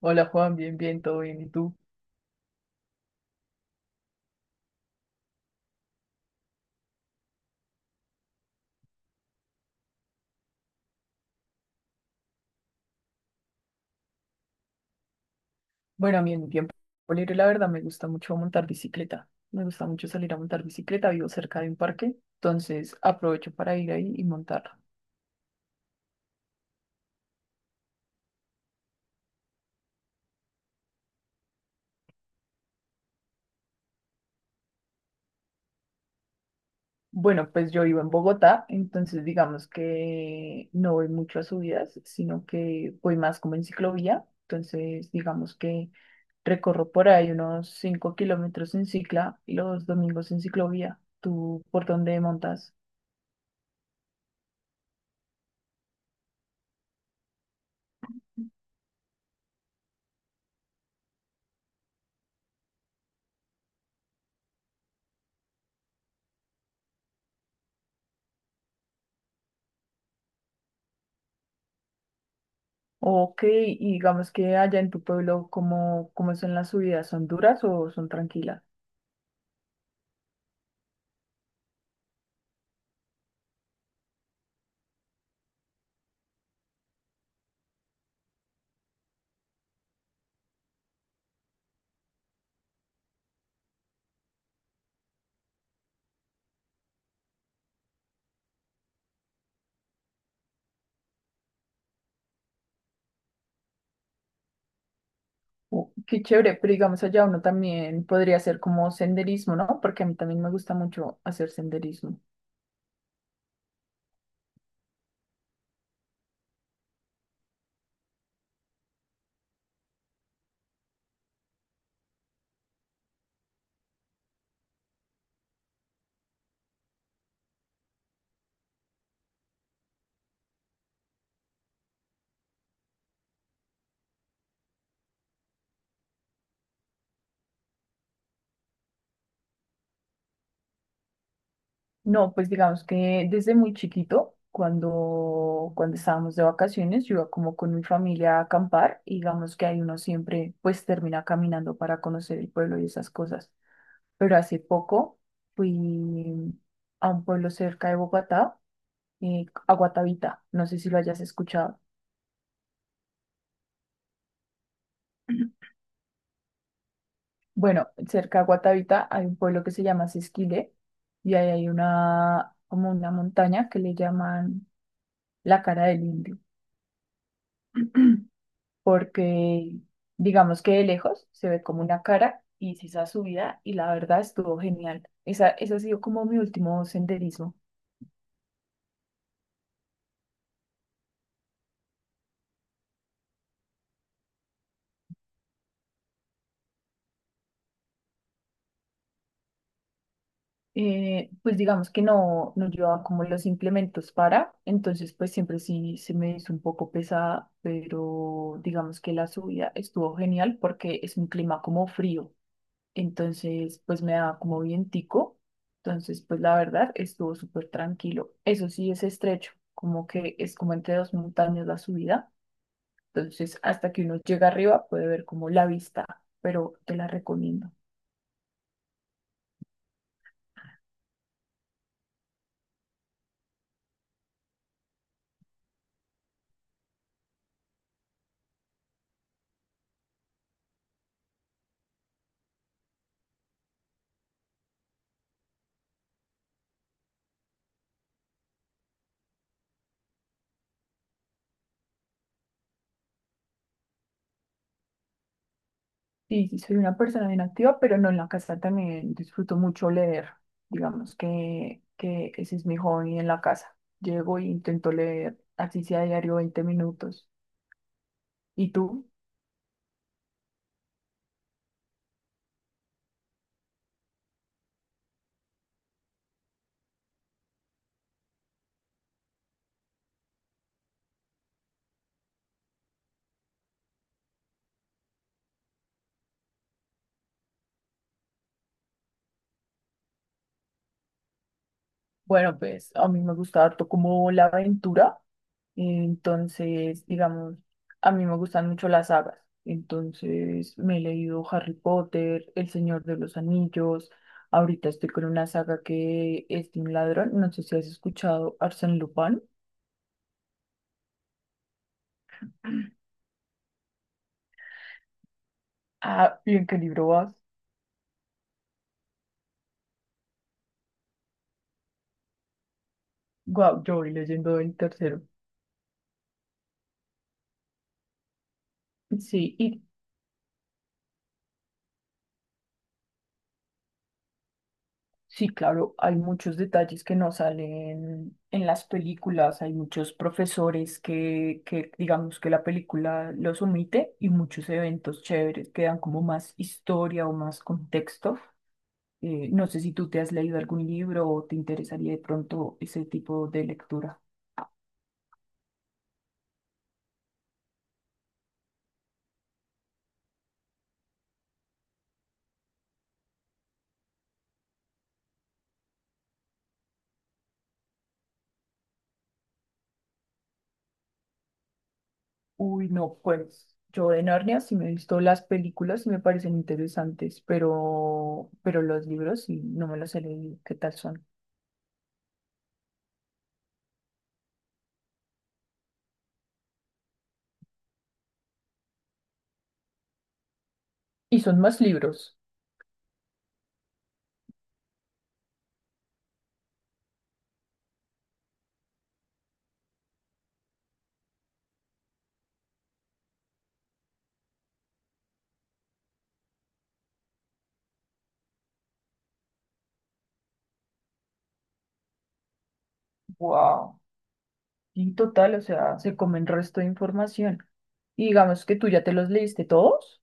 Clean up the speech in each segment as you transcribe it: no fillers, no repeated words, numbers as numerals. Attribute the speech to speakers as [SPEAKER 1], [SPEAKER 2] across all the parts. [SPEAKER 1] Hola Juan, bien, bien, todo bien. ¿Y tú? Bueno, a mí en mi tiempo libre, la verdad, me gusta mucho montar bicicleta. Me gusta mucho salir a montar bicicleta. Vivo cerca de un parque, entonces aprovecho para ir ahí y montar. Bueno, pues yo vivo en Bogotá, entonces digamos que no voy mucho a subidas, sino que voy más como en ciclovía. Entonces, digamos que recorro por ahí unos 5 km en cicla y los domingos en ciclovía. ¿Tú por dónde montas? Ok, y digamos que allá en tu pueblo, ¿¿cómo son las subidas? ¿Son duras o son tranquilas? Oh, qué chévere, pero digamos allá uno también podría hacer como senderismo, ¿no? Porque a mí también me gusta mucho hacer senderismo. No, pues digamos que desde muy chiquito, cuando estábamos de vacaciones, yo iba como con mi familia a acampar y digamos que ahí uno siempre pues termina caminando para conocer el pueblo y esas cosas. Pero hace poco fui a un pueblo cerca de Bogotá, a Guatavita. No sé si lo hayas escuchado. Bueno, cerca de Guatavita hay un pueblo que se llama Sesquile y ahí hay como una montaña que le llaman la cara del indio, porque digamos que de lejos se ve como una cara y hice esa subida y la verdad estuvo genial. Ese ha sido como mi último senderismo. Pues digamos que no, no llevaba como los implementos para, entonces pues siempre sí se me hizo un poco pesada, pero digamos que la subida estuvo genial porque es un clima como frío, entonces pues me daba como vientico, entonces pues la verdad estuvo súper tranquilo. Eso sí es estrecho, como que es como entre dos montañas la subida, entonces hasta que uno llega arriba puede ver como la vista, pero te la recomiendo. Sí, sí, soy una persona bien activa, pero no en la casa también disfruto mucho leer. Digamos que ese es mi hobby en la casa. Llego e intento leer, así sea diario 20 minutos. ¿Y tú? Bueno, pues a mí me gusta harto como la aventura. Entonces, digamos, a mí me gustan mucho las sagas. Entonces, me he leído Harry Potter, El Señor de los Anillos. Ahorita estoy con una saga que es de un ladrón. No sé si has escuchado Arsène Lupin. Ah, ¿y en qué libro vas? Guau, yo voy leyendo el tercero. Sí, y sí, claro, hay muchos detalles que no salen en las películas, hay muchos profesores que digamos que la película los omite y muchos eventos chéveres que dan como más historia o más contexto. No sé si tú te has leído algún libro o te interesaría de pronto ese tipo de lectura. Uy, no, pues yo de Narnia sí me he visto las películas y me parecen interesantes, pero los libros sí no me los he leído. ¿Qué tal son? Y son más libros. Wow. Y total, o sea, se comen resto de información. Y digamos que tú ya te los leíste todos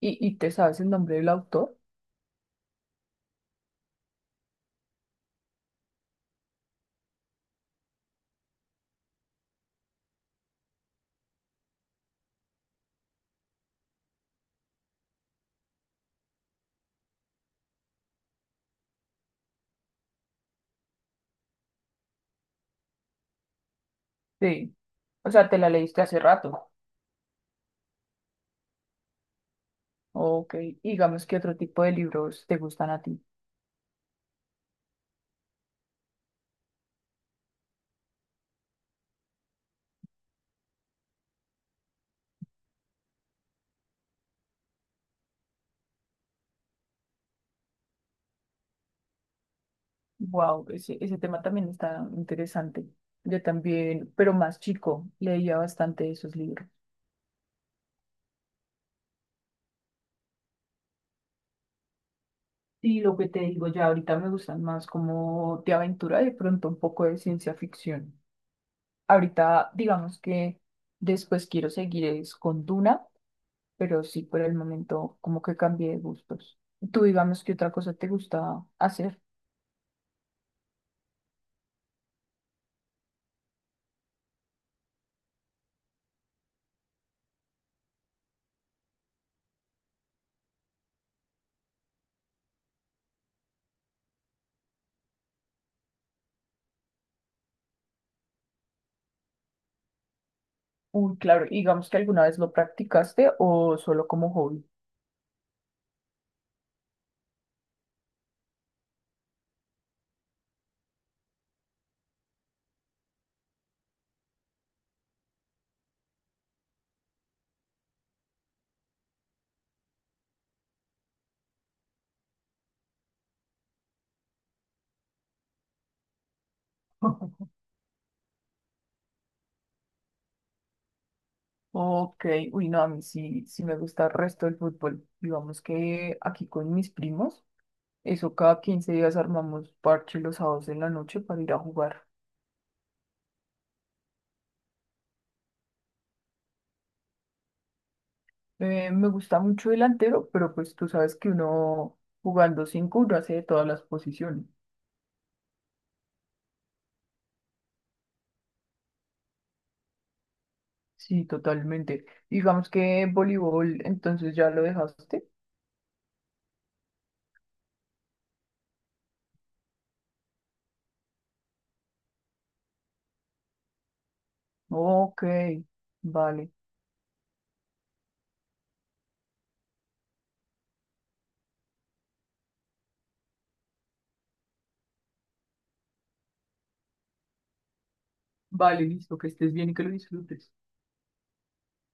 [SPEAKER 1] y te sabes el nombre del autor. Sí. O sea, te la leíste hace rato. Ok. Y digamos que otro tipo de libros te gustan a ti. Wow, ese tema también está interesante. Yo también, pero más chico, leía bastante esos libros. Y lo que te digo, ya ahorita me gustan más como de aventura, de pronto un poco de ciencia ficción. Ahorita, digamos que después quiero seguir es con Duna, pero sí por el momento como que cambié de gustos. Tú digamos que otra cosa te gusta hacer. Uy, claro, y digamos que alguna vez lo practicaste o solo como hobby. Ok, uy, no, a mí sí, sí me gusta el resto del fútbol. Digamos que aquí con mis primos, eso cada 15 días armamos parche los sábados en la noche para ir a jugar. Me gusta mucho delantero, pero pues tú sabes que uno jugando cinco, uno hace de todas las posiciones. Sí, totalmente. Digamos que voleibol, entonces ya lo dejaste. Ok, vale, vale, listo, que estés bien y que lo disfrutes.